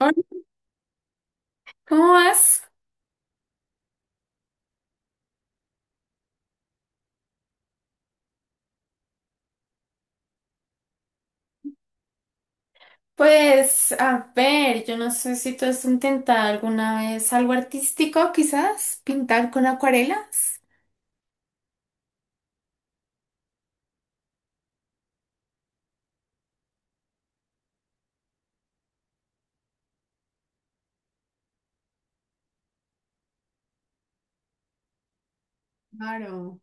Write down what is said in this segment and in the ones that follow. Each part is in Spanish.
Hola, ¿cómo vas? Pues, a ver, yo no sé si tú has intentado alguna vez algo artístico, quizás, pintar con acuarelas. Claro.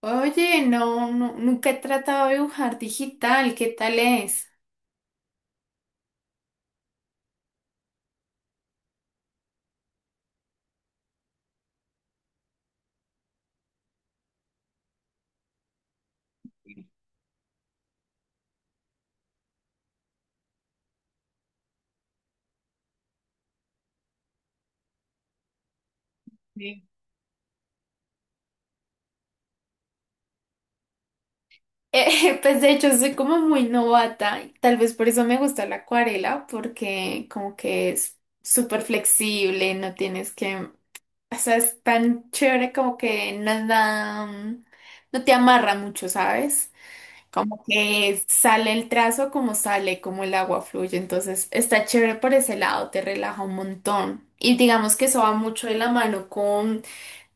Oye, nunca he tratado de dibujar digital, ¿qué tal es? Sí. Pues de hecho soy como muy novata, y tal vez por eso me gusta la acuarela, porque como que es súper flexible, no tienes o sea, es tan chévere como que nada, no te amarra mucho, ¿sabes? Como que sale el trazo como sale, como el agua fluye. Entonces está chévere por ese lado, te relaja un montón. Y digamos que eso va mucho de la mano con...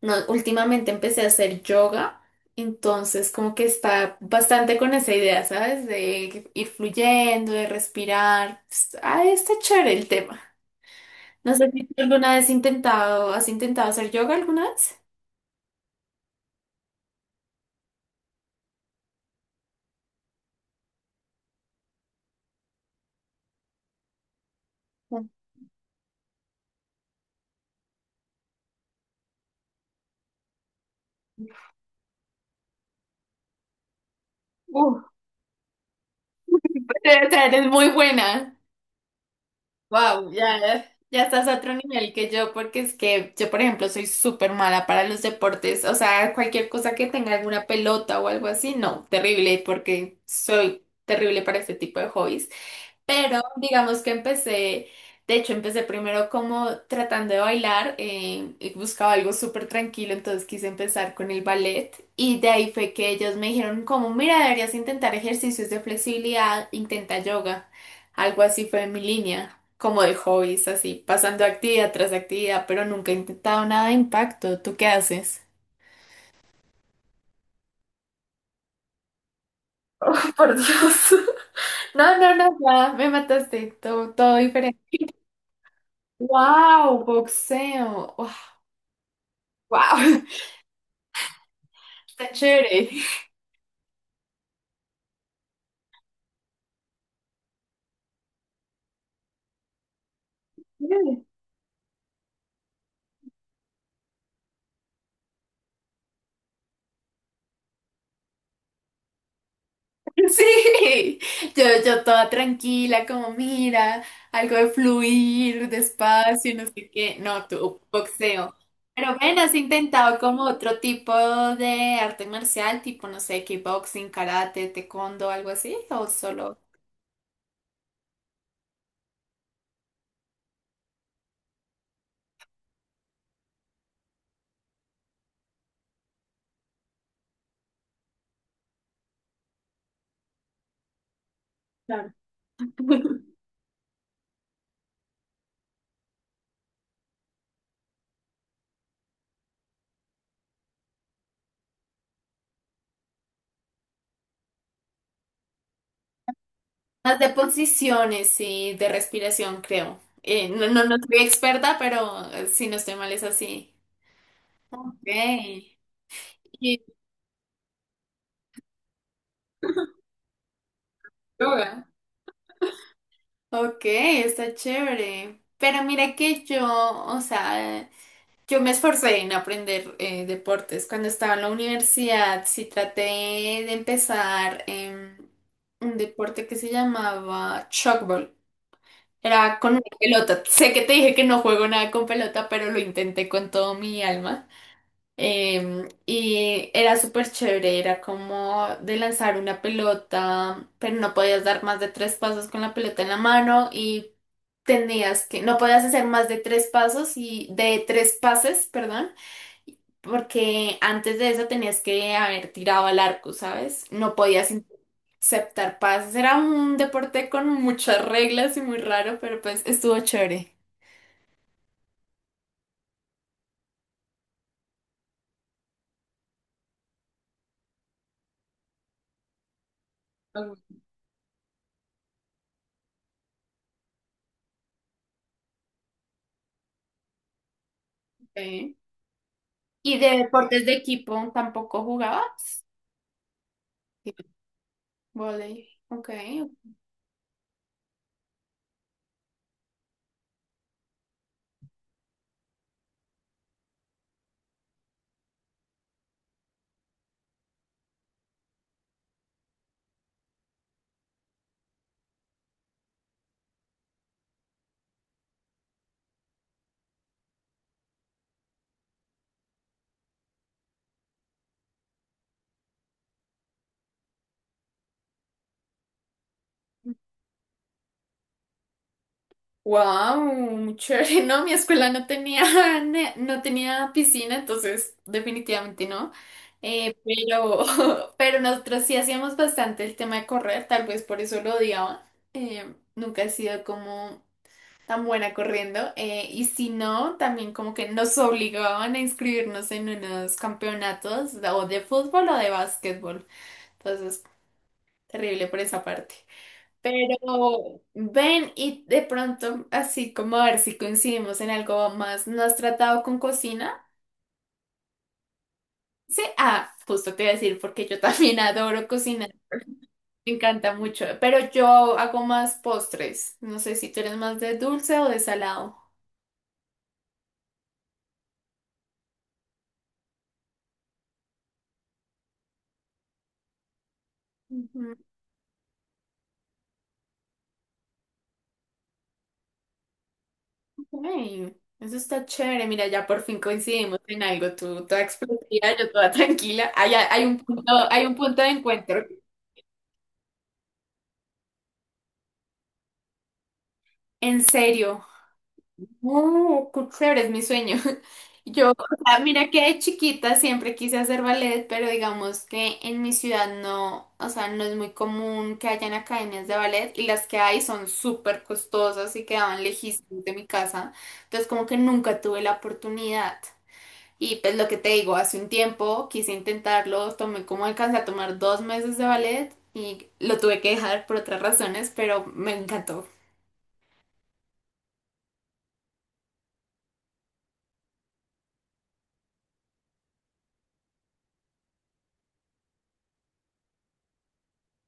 No, últimamente empecé a hacer yoga, entonces como que está bastante con esa idea, ¿sabes? De ir fluyendo, de respirar. Ah, está chévere el tema. No sé si tú alguna vez has intentado hacer yoga alguna vez. Uf, te traer, es muy buena. Wow, ya estás a otro nivel que yo, porque es que yo, por ejemplo, soy súper mala para los deportes. O sea, cualquier cosa que tenga alguna pelota o algo así, no, terrible, porque soy terrible para este tipo de hobbies. Pero digamos que empecé primero como tratando de bailar, y buscaba algo súper tranquilo, entonces quise empezar con el ballet y de ahí fue que ellos me dijeron como, mira, deberías intentar ejercicios de flexibilidad, intenta yoga, algo así fue mi línea, como de hobbies, así, pasando actividad tras actividad, pero nunca he intentado nada de impacto, ¿tú qué haces? Por Dios. No, no, no, ya me mataste, todo diferente. Wow, boxeo. Wow. Está chévere. Sí, yo toda tranquila, como mira, algo de fluir despacio, no sé qué. No, tú, boxeo. Pero ven, has intentado como otro tipo de arte marcial, tipo, no sé, kickboxing, karate, taekwondo, algo así, o solo más de posiciones y de respiración, creo. No soy experta, pero si no estoy mal es así. Ok. Y yoga. Ok, está chévere. Pero mira que yo, o sea, yo me esforcé en aprender deportes. Cuando estaba en la universidad, sí traté de empezar un deporte que se llamaba shockball. Era con una pelota. Sé que te dije que no juego nada con pelota, pero lo intenté con todo mi alma. Y era súper chévere, era como de lanzar una pelota, pero no podías dar más de tres pasos con la pelota en la mano y no podías hacer más de tres pasos y de tres pases, perdón, porque antes de eso tenías que haber tirado al arco, ¿sabes? No podías aceptar pases. Era un deporte con muchas reglas y muy raro, pero pues estuvo chévere. Ok. ¿Y de deportes de equipo tampoco jugabas? Ok. Voley. Ok. Wow, muy chévere. No, mi escuela no tenía, no tenía piscina, entonces definitivamente no. Eh, pero, pero nosotros sí hacíamos bastante el tema de correr, tal vez por eso lo odiaba. Nunca he sido como tan buena corriendo. Y si no, también como que nos obligaban a inscribirnos en unos campeonatos o de fútbol o de básquetbol. Entonces, terrible por esa parte. Pero ven y de pronto, así como a ver si coincidimos en algo más, ¿no has tratado con cocina? Sí, ah, justo te iba a decir, porque yo también adoro cocinar, me encanta mucho, pero yo hago más postres, no sé si tú eres más de dulce o de salado. Ujú, ok. Eso está chévere, mira, ya por fin coincidimos en algo, tú toda explosiva, yo toda tranquila, hay un punto de encuentro. En serio. Oh, qué chévere, es mi sueño. Yo, o mira que de chiquita siempre quise hacer ballet, pero digamos que en mi ciudad no, o sea, no es muy común que hayan academias de ballet y las que hay son súper costosas y quedaban lejísimos de mi casa. Entonces, como que nunca tuve la oportunidad. Y pues lo que te digo, hace un tiempo quise intentarlo, tomé como alcancé a tomar 2 meses de ballet y lo tuve que dejar por otras razones, pero me encantó.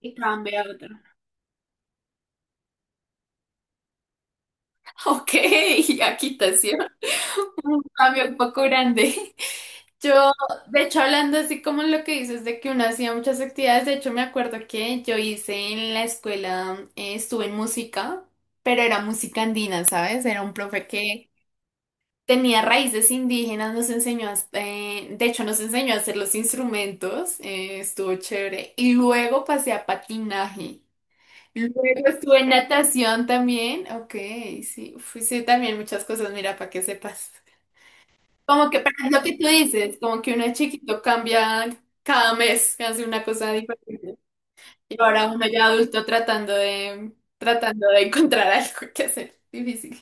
Y cambié a otro. Ok, aquí te hacía un cambio un poco grande. Yo, de hecho, hablando así como lo que dices de que uno hacía muchas actividades, de hecho me acuerdo que yo hice en la escuela, estuve en música, pero era música andina, ¿sabes? Era un profe que tenía raíces indígenas, de hecho nos enseñó a hacer los instrumentos, estuvo chévere. Y luego pasé a patinaje. Luego estuve en natación también. Ok, sí, también muchas cosas, mira, para que sepas. Como que, para lo que tú dices, como que uno de chiquito cambia cada mes, hace una cosa diferente. Y ahora uno ya adulto tratando tratando de encontrar algo que hacer. Difícil.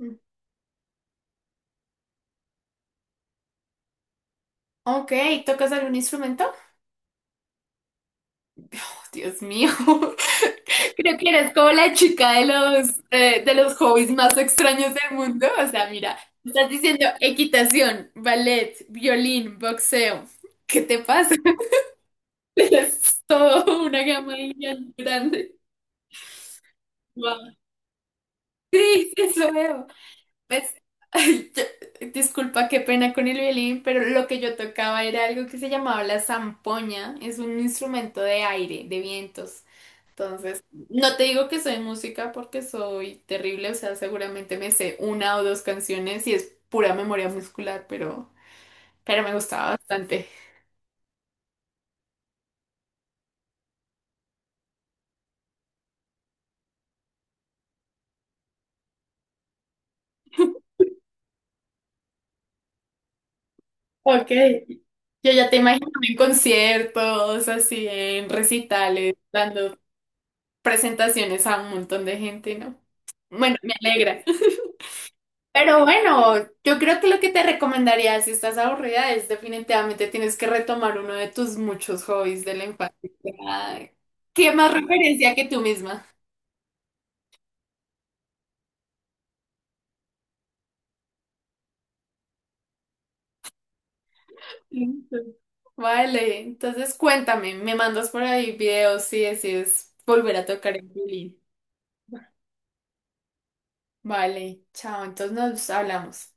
Mm. Ok, ¿tocas algún instrumento? Dios mío, creo que eres como la chica de los hobbies más extraños del mundo. O sea, mira, estás diciendo equitación, ballet, violín, boxeo. ¿Qué te pasa? Es todo una gama ahí bien grande. Wow. Sí, eso veo. Pues, ay, disculpa, qué pena con el violín, pero lo que yo tocaba era algo que se llamaba la zampoña. Es un instrumento de aire, de vientos. Entonces, no te digo que soy música porque soy terrible, o sea, seguramente me sé una o dos canciones y es pura memoria muscular, pero me gustaba bastante. Ok. Yo ya te imagino en conciertos, así en recitales, dando presentaciones a un montón de gente, ¿no? Bueno, me alegra. Pero bueno, yo creo que lo que te recomendaría si estás aburrida es definitivamente tienes que retomar uno de tus muchos hobbies de la infancia. Ay, ¿qué más referencia que tú misma? Listo. Vale, entonces cuéntame, me mandas por ahí videos si decides volver a tocar el violín. Vale, chao, entonces nos hablamos.